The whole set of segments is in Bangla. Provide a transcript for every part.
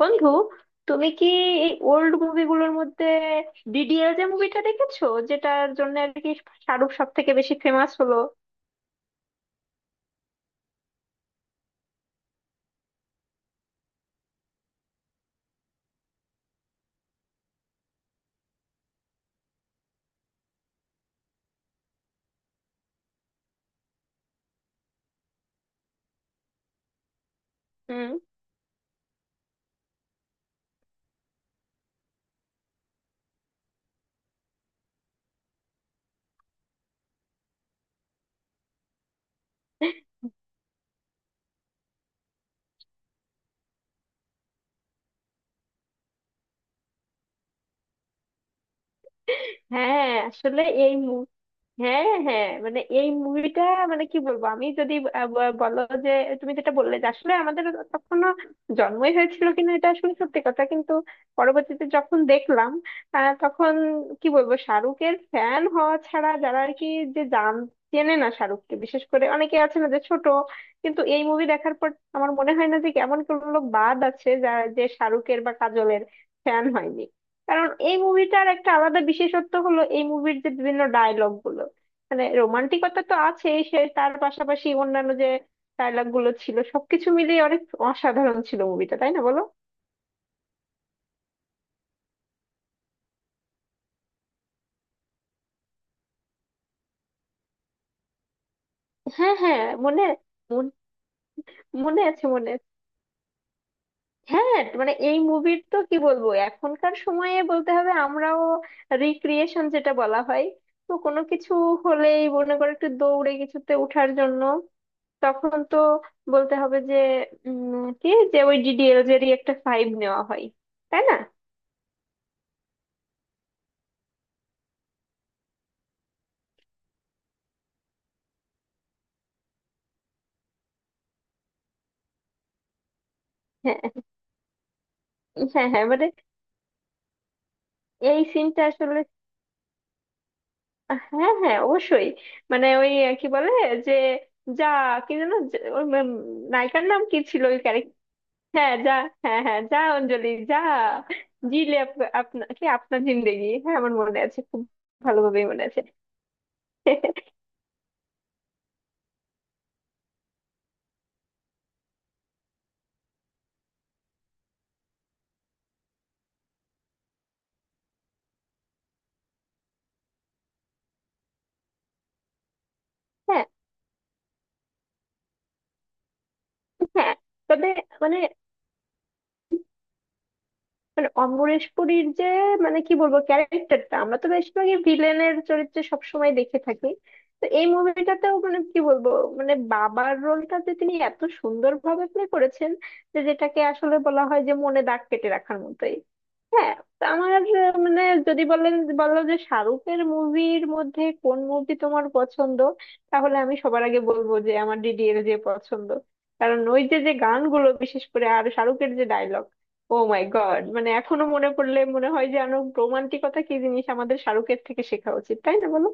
বন্ধু, তুমি কি এই ওল্ড মুভিগুলোর মধ্যে ডিডিএল যে মুভিটা দেখেছো, যেটার জন্য আর কি শাহরুখ সব থেকে বেশি ফেমাস হলো? হুম। হ্যাঁ, আসলে এই... হ্যাঁ হ্যাঁ, মানে এই মুভিটা মানে কি বলবো আমি যদি, বলো যে তুমি যেটা বললে যে আসলে আমাদের তখনো জন্মই হয়েছিল কিনা, এটা আসলে সত্যি কথা। কিন্তু পরবর্তীতে যখন দেখলাম, তখন কি বলবো, শাহরুখের ফ্যান হওয়া ছাড়া যারা আর কি, যে জান চেনে না শাহরুখকে, বিশেষ করে অনেকে আছে না যে ছোট, কিন্তু এই মুভি দেখার পর আমার মনে হয় না যে এমন কোনো লোক বাদ আছে যারা যে শাহরুখের বা কাজলের ফ্যান হয়নি। কারণ এই মুভিটার একটা আলাদা বিশেষত্ব হলো এই মুভির যে বিভিন্ন ডায়লগ, মানে রোমান্টিকতা তো আছে সে, তার পাশাপাশি অন্যান্য যে ডায়লগ গুলো ছিল, সবকিছু মিলিয়ে অনেক অসাধারণ ছিল মুভিটা, তাই না বলো? হ্যাঁ হ্যাঁ, মনে মন- মনে আছে, মনে আছে। হ্যাঁ, মানে এই মুভির তো কি বলবো, এখনকার সময়ে বলতে হবে আমরাও রিক্রিয়েশন যেটা বলা হয়, তো কোনো কিছু হলেই মনে করো একটু দৌড়ে কিছুতে ওঠার জন্য তখন তো বলতে হবে যে, উম, কি, যে ওই ডিডিএলজেরই একটা ফাইভ নেওয়া হয়, তাই না? হ্যাঁ হ্যাঁ হ্যাঁ, মানে এই সিনটা আসলে... হ্যাঁ হ্যাঁ, অবশ্যই। মানে ওই, কি বলে, যে যা, কি যেন, ওই নায়িকার নাম কি ছিল ওই ক্যারেক্টার? হ্যাঁ, যা। হ্যাঁ হ্যাঁ, যা অঞ্জলি যা, জিলে আপনার কি আপনার জিন্দেগি। হ্যাঁ, আমার মনে আছে, খুব ভালোভাবেই মনে আছে। হ্যাঁ হ্যাঁ, তবে মানে মানে অম্বরেশ পুরীর যে, মানে কি বলবো, ক্যারেক্টারটা আমরা তো বেশিরভাগই ভিলেনের চরিত্রে সবসময় দেখে থাকি। তো এই মুভিটাতেও, মানে কি বলবো, মানে বাবার রোলটা যে তিনি এত সুন্দরভাবে প্লে করেছেন, যে যেটাকে আসলে বলা হয়, যে মনে দাগ কেটে রাখার মতোই। হ্যাঁ, তো আমার মানে যদি বলেন, বলো যে শাহরুখের মুভির মধ্যে কোন মুভি তোমার পছন্দ, তাহলে আমি সবার আগে বলবো যে আমার ডিডি এর যে পছন্দ। কারণ ওই যে যে গানগুলো, বিশেষ করে, আর শাহরুখের যে ডায়লগ, ও মাই গড, মানে এখনো মনে পড়লে মনে হয় যে আরো রোমান্টিকতা কি জিনিস আমাদের শাহরুখের থেকে শেখা উচিত, তাই না বলো?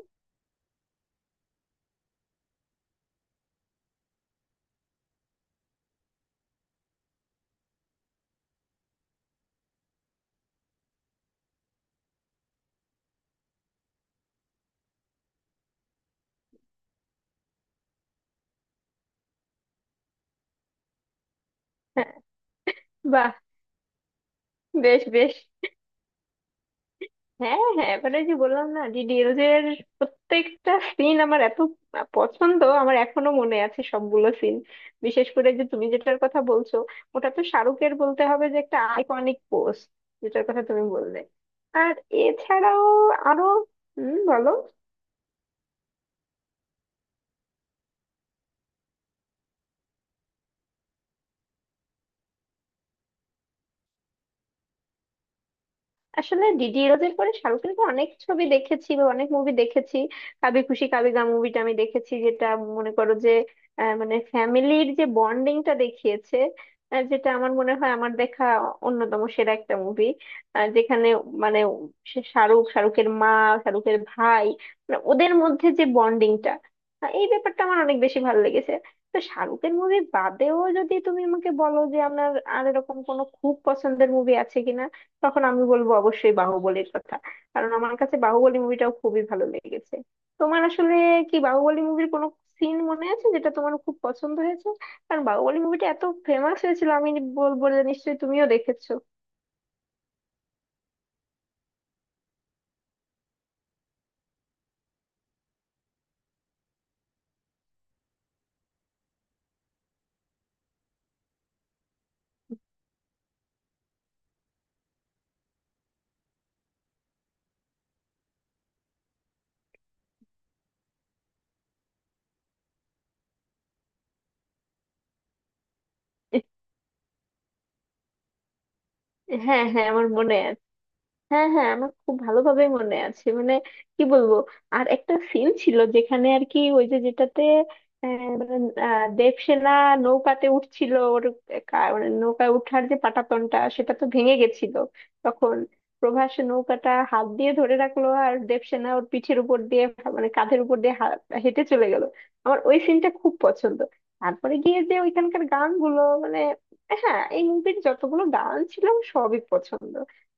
হ্যাঁ, বাহ, বেশ বেশ। হ্যাঁ হ্যাঁ, এবারে যে বললাম না ডিডিএলজ এর প্রত্যেকটা সিন আমার এত পছন্দ, আমার এখনো মনে আছে সবগুলো সিন। বিশেষ করে যে তুমি যেটার কথা বলছো, ওটা তো শাহরুখের বলতে হবে যে একটা আইকনিক পোস্ট, যেটার কথা তুমি বললে। আর এছাড়াও আরো... হুম, বলো। আসলে ডিডি ইরোজের পরে শাহরুখের তো অনেক ছবি দেখেছি বা অনেক মুভি দেখেছি। কাবি খুশি কাবি গাম মুভিটা আমি দেখেছি, যেটা মনে করো যে, মানে ফ্যামিলির যে বন্ডিংটা দেখিয়েছে, যেটা আমার মনে হয় আমার দেখা অন্যতম সেরা একটা মুভি। যেখানে মানে সে শাহরুখ, শাহরুখের মা, শাহরুখের ভাই, মানে ওদের মধ্যে যে বন্ডিংটা, এই ব্যাপারটা আমার অনেক বেশি ভালো লেগেছে। তো শাহরুখের মুভি বাদেও যদি তুমি আমাকে বলো যে আপনার আর এরকম কোনো খুব পছন্দের মুভি আছে কিনা, তখন আমি বলবো অবশ্যই বাহুবলীর কথা। কারণ আমার কাছে বাহুবলী মুভিটাও খুবই ভালো লেগেছে। তোমার আসলে কি বাহুবলী মুভির কোনো সিন মনে আছে যেটা তোমার খুব পছন্দ হয়েছে? কারণ বাহুবলী মুভিটা এত ফেমাস হয়েছিল, আমি বলবো যে নিশ্চয়ই তুমিও দেখেছো। হ্যাঁ হ্যাঁ, আমার মনে আছে। হ্যাঁ হ্যাঁ, আমার খুব ভালোভাবে মনে আছে, মানে কি বলবো, আর একটা সিন ছিল যেখানে আর কি, ওই যে যেটাতে মানে, দেবসেনা নৌকাতে উঠছিল, ওর মানে নৌকায় উঠার যে পাটাতনটা সেটা তো ভেঙে গেছিল। তখন প্রভাস নৌকাটা হাত দিয়ে ধরে রাখলো, আর দেবসেনা ওর পিঠের উপর দিয়ে, মানে কাঁধের উপর দিয়ে হেঁটে চলে গেল। আমার ওই সিনটা খুব পছন্দ। তারপরে গিয়ে যে ওইখানকার গানগুলো, মানে হ্যাঁ, এই মুভির যতগুলো গান ছিল আমার সবই পছন্দ।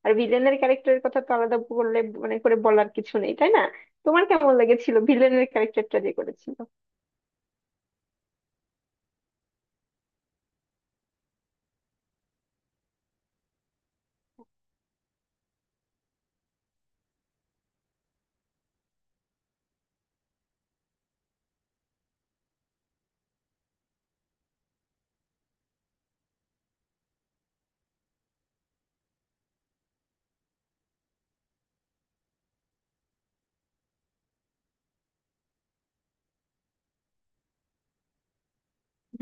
আর ভিলেনের ক্যারেক্টারের কথা তো আলাদা বললে মানে করে বলার কিছু নেই, তাই না? তোমার কেমন লেগেছিল ভিলেনের ক্যারেক্টারটা যে করেছিল?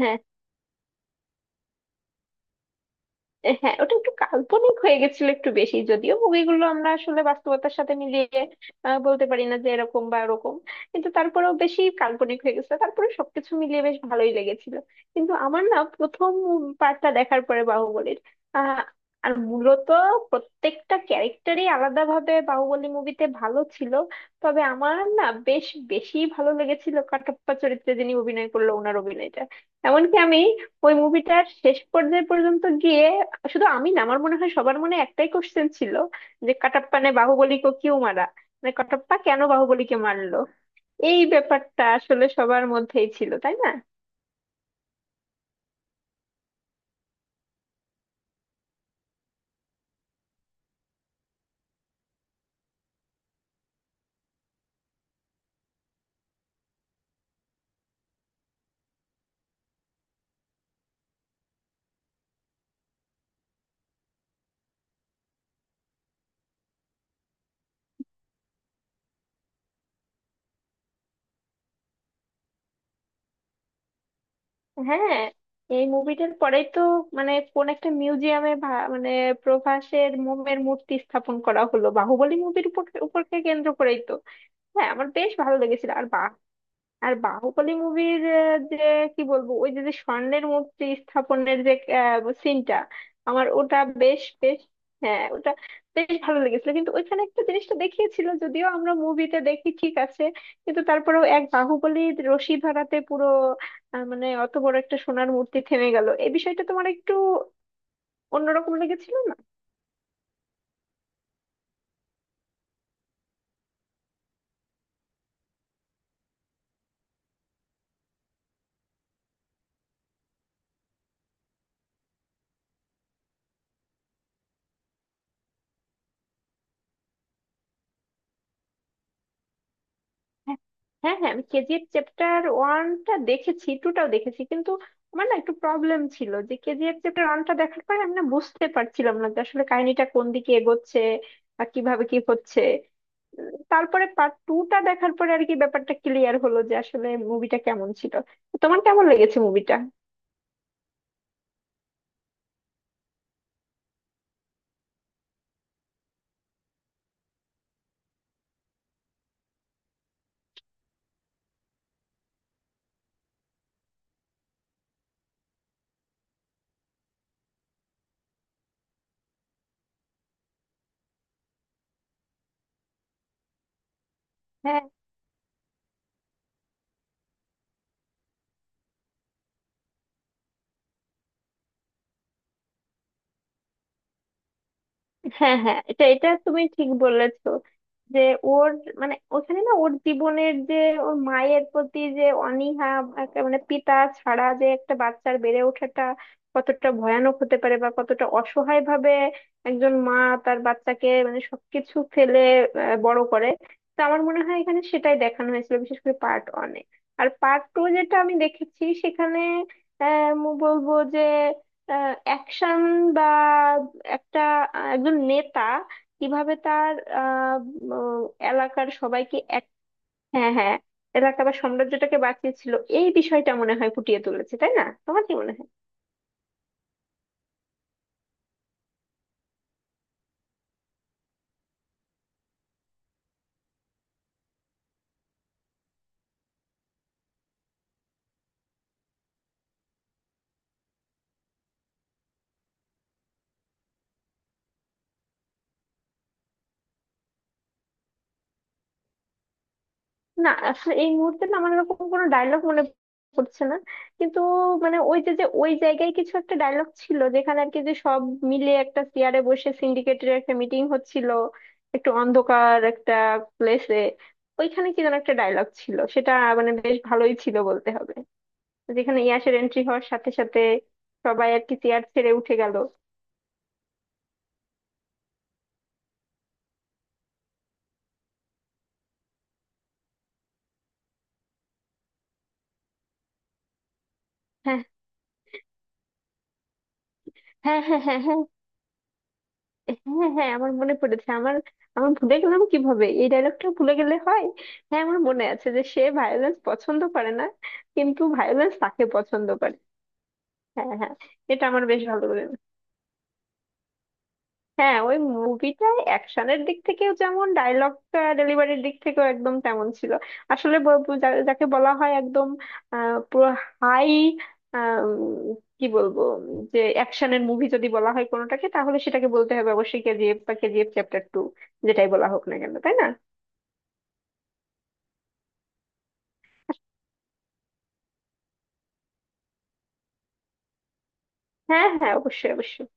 হ্যাঁ হ্যাঁ, ওটা একটু কাল্পনিক হয়ে গেছিল একটু বেশি, যদিও মুভিগুলো আমরা আসলে বাস্তবতার সাথে মিলিয়ে বলতে পারি না যে এরকম বা এরকম, কিন্তু তারপরেও বেশি কাল্পনিক হয়ে গেছিল, তারপরে সবকিছু মিলিয়ে বেশ ভালোই লেগেছিল। কিন্তু আমার না প্রথম পার্টটা দেখার পরে বাহুবলীর, আহ আর মূলত প্রত্যেকটা ক্যারেক্টারই আলাদাভাবে বাহুবলী মুভিতে ভালো ছিল। তবে আমার না বেশ বেশি ভালো লেগেছিল কাটাপ্পা চরিত্রে যিনি অভিনয় করলো, ওনার অভিনয়টা। এমনকি আমি ওই মুভিটার শেষ পর্যায়ে পর্যন্ত গিয়ে, শুধু আমি না, আমার মনে হয় সবার মনে একটাই কোশ্চেন ছিল, যে কাটাপ্পা নে বাহুবলীকে কিউ মারা, মানে কাটাপ্পা কেন বাহুবলীকে মারলো। এই ব্যাপারটা আসলে সবার মধ্যেই ছিল, তাই না? হ্যাঁ, এই মুভিটার পরেই তো মানে কোন একটা মিউজিয়ামে, মানে প্রভাসের মোমের মূর্তি স্থাপন করা হলো বাহুবলী মুভির উপরকে কেন্দ্র করেই তো। হ্যাঁ, আমার বেশ ভালো লেগেছিল। আর আর বাহুবলী মুভির যে কি বলবো, ওই যে যে স্বর্ণের মূর্তি স্থাপনের যে সিনটা, আমার ওটা বেশ বেশ। হ্যাঁ, ওটা বেশ ভালো লেগেছিল। কিন্তু ওইখানে একটা জিনিসটা দেখিয়েছিল, যদিও আমরা মুভিতে দেখি ঠিক আছে, কিন্তু তারপরেও এক বাহুবলীর রশি ধরাতে পুরো, মানে অত বড় একটা সোনার মূর্তি থেমে গেল, এই বিষয়টা তোমার একটু অন্যরকম লেগেছিল না? হ্যাঁ হ্যাঁ হ্যাঁ, আমি কেজিএফ চ্যাপ্টার ওয়ানটা দেখেছি, টুটাও দেখেছি, কিন্তু আমার না একটু প্রবলেম ছিল যে কেজিএফ চ্যাপ্টার ওয়ানটা দেখার পর আমি না বুঝতে পারছিলাম না যে আসলে কাহিনীটা কোন দিকে এগোচ্ছে বা কিভাবে কি হচ্ছে। তারপরে পার্ট টুটা দেখার পরে আর কি ব্যাপারটা ক্লিয়ার হলো যে আসলে মুভিটা কেমন ছিল। তো তোমার কেমন লেগেছে মুভিটা? হ্যাঁ হ্যাঁ, এটা এটা তুমি ঠিক বলেছো, যে ওর, মানে ওখানে না ওর জীবনের যে ওর মায়ের প্রতি যে অনীহা, একটা মানে পিতা ছাড়া যে একটা বাচ্চার বেড়ে ওঠাটা কতটা ভয়ানক হতে পারে বা কতটা অসহায় ভাবে একজন মা তার বাচ্চাকে মানে সবকিছু ফেলে বড় করে। তো আমার মনে হয় এখানে সেটাই দেখানো হয়েছিল, বিশেষ করে পার্ট ওয়ানে। আর পার্ট টু যেটা আমি দেখেছি সেখানে, বলবো যে অ্যাকশন, বা একটা, একজন নেতা কিভাবে তার, আহ, উম, এলাকার সবাইকে এক... হ্যাঁ হ্যাঁ, এলাকা বা সাম্রাজ্যটাকে বাঁচিয়েছিল, এই বিষয়টা মনে হয় ফুটিয়ে তুলেছে, তাই না? তোমার কি মনে হয়? না, আসলে এই মুহূর্তে না আমার এরকম কোনো ডায়লগ মনে পড়ছে না। কিন্তু মানে ওই যে যে ওই জায়গায় কিছু একটা ডায়লগ ছিল যেখানে আর কি যে সব মিলে একটা চেয়ারে বসে সিন্ডিকেটের একটা মিটিং হচ্ছিল একটু অন্ধকার একটা প্লেসে, ওইখানে কি যেন একটা ডায়লগ ছিল সেটা, মানে বেশ ভালোই ছিল বলতে হবে, যেখানে ইয়াসের এন্ট্রি হওয়ার সাথে সাথে সবাই আর কি চেয়ার ছেড়ে উঠে গেল। হ্যাঁ হ্যাঁ হ্যাঁ হ্যাঁ। হ্যাঁ হ্যাঁ হ্যাঁ, আমার মনে পড়েছে। আমার আমার ভুলে গেলাম কিভাবে, এই ডায়লগটা ভুলে গেলে হয়? হ্যাঁ, আমার মনে আছে যে সে ভায়োলেন্স পছন্দ করে না, কিন্তু ভায়োলেন্স তাকে পছন্দ করে। হ্যাঁ হ্যাঁ, এটা আমার বেশ ভালো। হ্যাঁ, ওই মুভিটায় অ্যাকশনের দিক থেকেও, যেমন ডায়লগ ডেলিভারির দিক থেকেও একদম তেমন ছিল। আসলে যাকে বলা হয় একদম, পুরো হাই, কি বলবো, যে অ্যাকশনের মুভি যদি বলা হয় কোনোটাকে তাহলে সেটাকে বলতে হবে অবশ্যই কেজিএফ বা কেজিএফ চ্যাপ্টার টু, যেটাই বলা হোক না কেন, তাই না? হ্যাঁ হ্যাঁ, অবশ্যই অবশ্যই।